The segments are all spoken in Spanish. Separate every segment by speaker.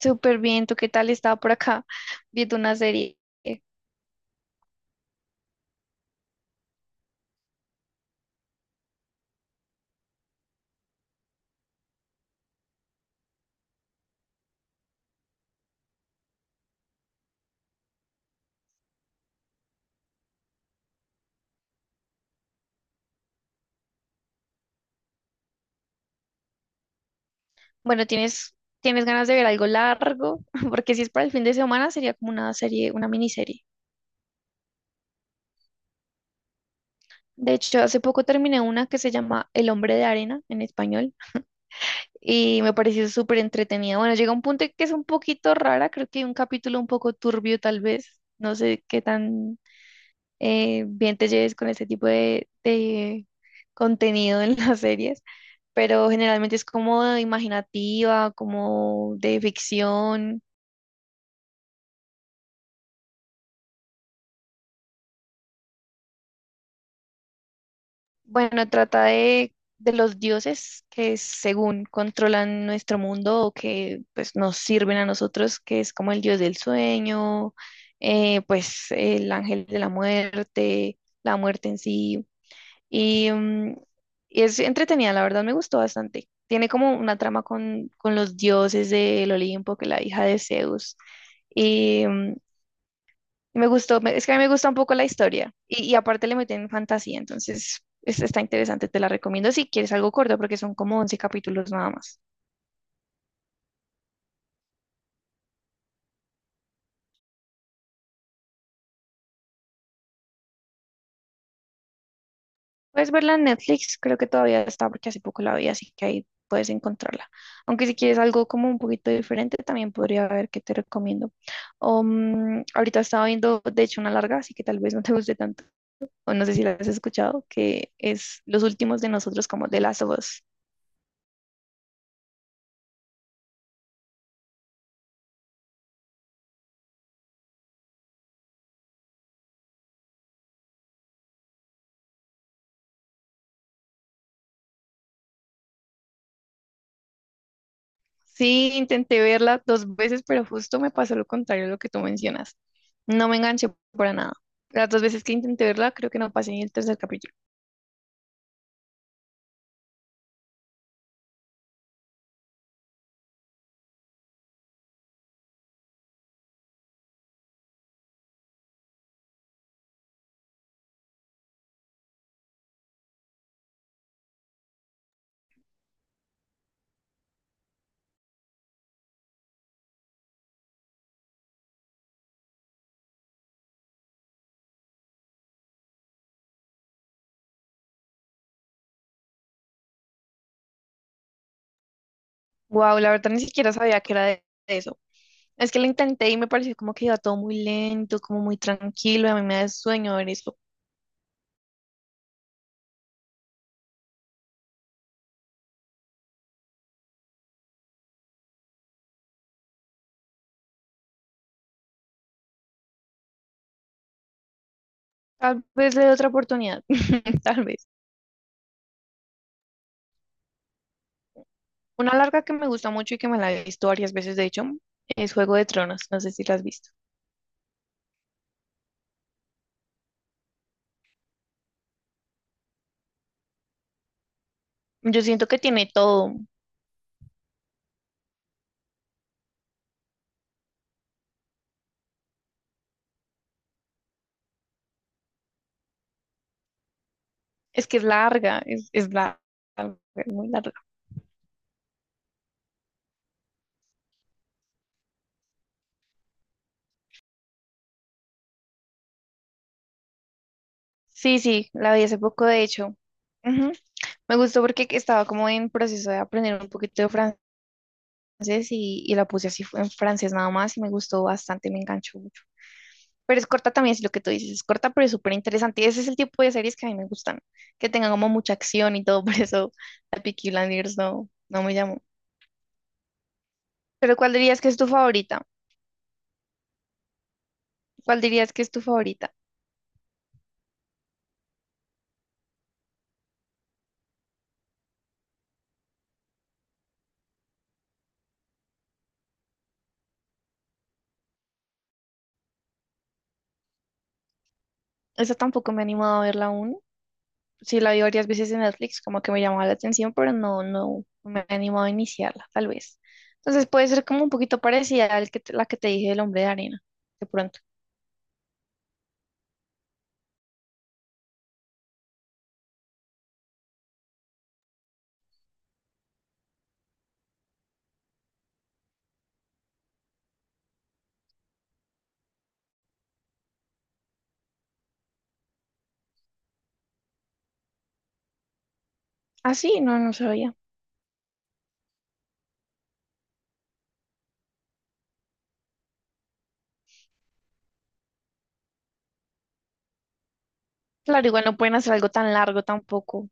Speaker 1: Súper bien, ¿tú qué tal? Estaba por acá viendo una serie. Bueno, ¿tienes ganas de ver algo largo? Porque si es para el fin de semana, sería como una serie, una miniserie. De hecho, hace poco terminé una que se llama El hombre de arena en español y me pareció súper entretenida. Bueno, llega un punto en que es un poquito rara, creo que hay un capítulo un poco turbio tal vez. No sé qué tan bien te lleves con este tipo de contenido en las series, pero generalmente es como imaginativa, como de ficción. Bueno, trata de los dioses que según controlan nuestro mundo o que pues nos sirven a nosotros, que es como el dios del sueño, pues el ángel de la muerte en sí. Y mm, es entretenida, la verdad me gustó bastante. Tiene como una trama con los dioses del Olimpo, que la hija de Zeus. Y mm, me gustó, me- es que a mí me gusta un poco la historia. Y aparte le meten fantasía, entonces es- está interesante, te la recomiendo si quieres algo corto, porque son como 11 capítulos nada más. Puedes verla en Netflix, creo que todavía está porque hace poco la vi, así que ahí puedes encontrarla. Aunque si quieres algo como un poquito diferente, también podría ver qué te recomiendo. Ahorita estaba viendo, de hecho, una larga, así que tal vez no te guste tanto, o no sé si la has escuchado, que es Los Últimos de Nosotros, como de Last of Us. Sí, intenté verla dos veces, pero justo me pasó lo contrario a lo que tú mencionas. No me enganché para nada. Las dos veces que intenté verla, creo que no pasé ni el tercer capítulo. Wow, la verdad ni siquiera sabía que era de eso. Es que lo intenté y me pareció como que iba todo muy lento, como muy tranquilo, y a mí me da sueño ver eso. Tal vez le dé otra oportunidad, tal vez. Una larga que me gusta mucho y que me la he visto varias veces, de hecho, es Juego de Tronos, no sé si la has visto. Yo siento que tiene todo, es que es larga, es larga, es muy larga. Sí, sí, la vi hace poco, de hecho. Ujú. Me gustó porque que estaba como en proceso de aprender un poquito de francés y la puse así en francés nada más y me gustó bastante, me enganchó mucho. Pero es corta también, es lo que tú dices, es corta, pero es súper interesante. Ese es el tipo de series que a mí me gustan, que tengan como mucha acción y todo, por eso la Peaky Blinders no, no me llamó. Pero ¿cuál dirías que es tu favorita? ¿Cuál dirías que es tu favorita? Esa tampoco me he animado a verla aún. Sí, la vi varias veces en Netflix, como que me llamaba la atención, pero no, no me he animado a iniciarla, tal vez. Entonces puede ser como un poquito parecida a la que te dije del hombre de arena, de pronto. Ah, sí, no, no sabía. Claro, igual no pueden hacer algo tan largo tampoco.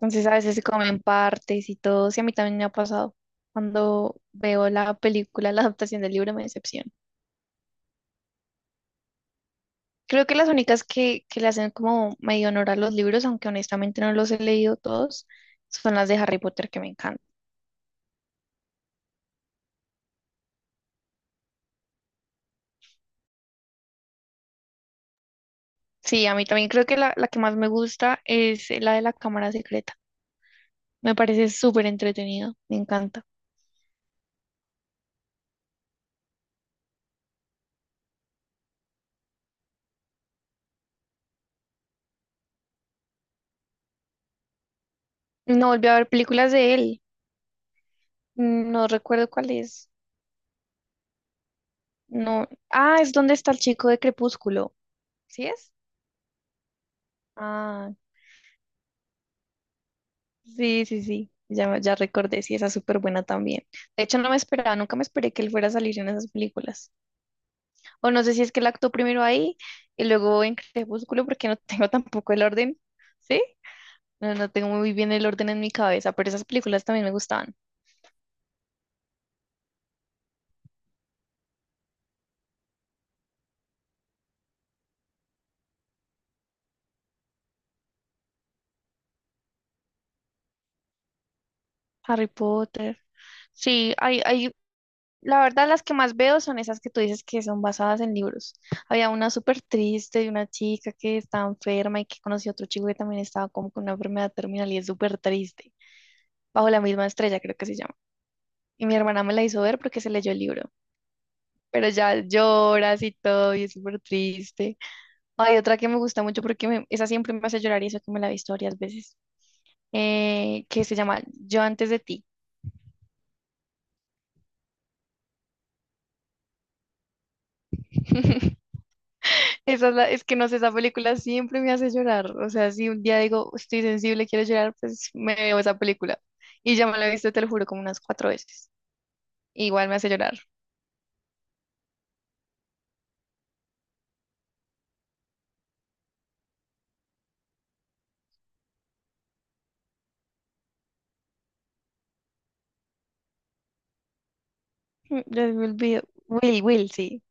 Speaker 1: Entonces a veces se comen partes y todo. Sí, a mí también me ha pasado. Cuando veo la película, la adaptación del libro me decepciona. Creo que las únicas que le hacen como medio honor a los libros, aunque honestamente no los he leído todos, son las de Harry Potter que me encantan. Sí, a mí también creo que la que más me gusta es la de la Cámara Secreta. Me parece súper entretenido, me encanta. No volví a ver películas de él, no recuerdo cuál es. No. Ah, es donde está el chico de Crepúsculo. ¿Sí es? Ah, sí, sí, sí. Ya, ya recordé, sí, esa es súper buena también. De hecho, no me esperaba, nunca me esperé que él fuera a salir en esas películas. O no sé si es que él actuó primero ahí y luego en Crepúsculo, porque no tengo tampoco el orden, ¿sí? No, no tengo muy bien el orden en mi cabeza, pero esas películas también me gustaban. Harry Potter. Sí, hay, la verdad, las que más veo son esas que tú dices que son basadas en libros. Había una súper triste de una chica que estaba enferma y que conoció a otro chico que también estaba como con una enfermedad terminal y es súper triste. Bajo la misma estrella, creo que se llama. Y mi hermana me la hizo ver porque se leyó el libro. Pero ya lloras y todo y es súper triste. Hay otra que me gusta mucho porque me- esa siempre me hace llorar y eso que me la he visto varias veces. Que se llama Yo antes de ti. Esa es, la- es que no sé, esa película siempre me hace llorar. O sea, si un día digo, estoy sensible, quiero llorar, pues me veo esa película. Y ya me la he visto, te lo juro, como unas 4 veces. Igual me hace llorar. Mm, ya me olvido. Will, Will, sí.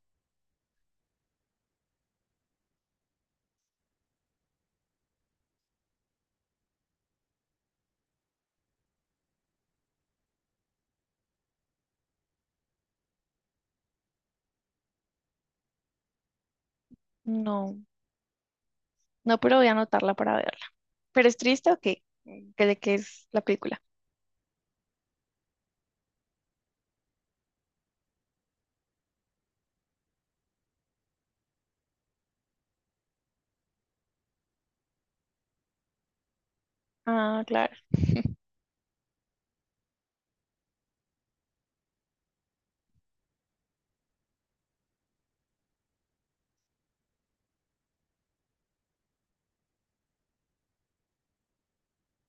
Speaker 1: No, no, pero voy a anotarla para verla. ¿Pero es triste o qué? ¿Qué- ¿De qué es la película? Ah, claro.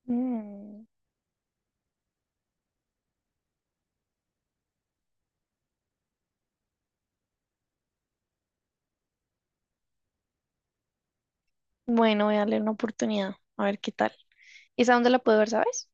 Speaker 1: Mm, bueno, voy a darle una oportunidad. A ver qué tal. ¿Esa dónde la puedo ver, sabes?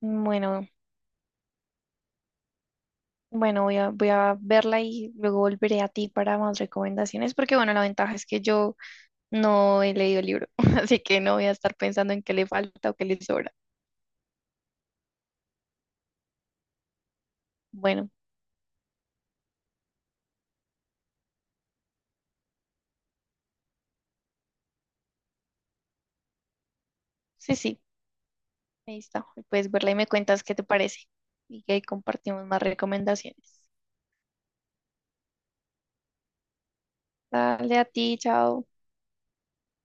Speaker 1: Bueno. Bueno, voy a verla y luego volveré a ti para más recomendaciones, porque bueno, la ventaja es que yo no he leído el libro, así que no voy a estar pensando en qué le falta o qué le sobra. Bueno, sí, sí, ahí está. Puedes verla y me cuentas qué te parece y que ahí compartimos más recomendaciones. Dale a ti, chao.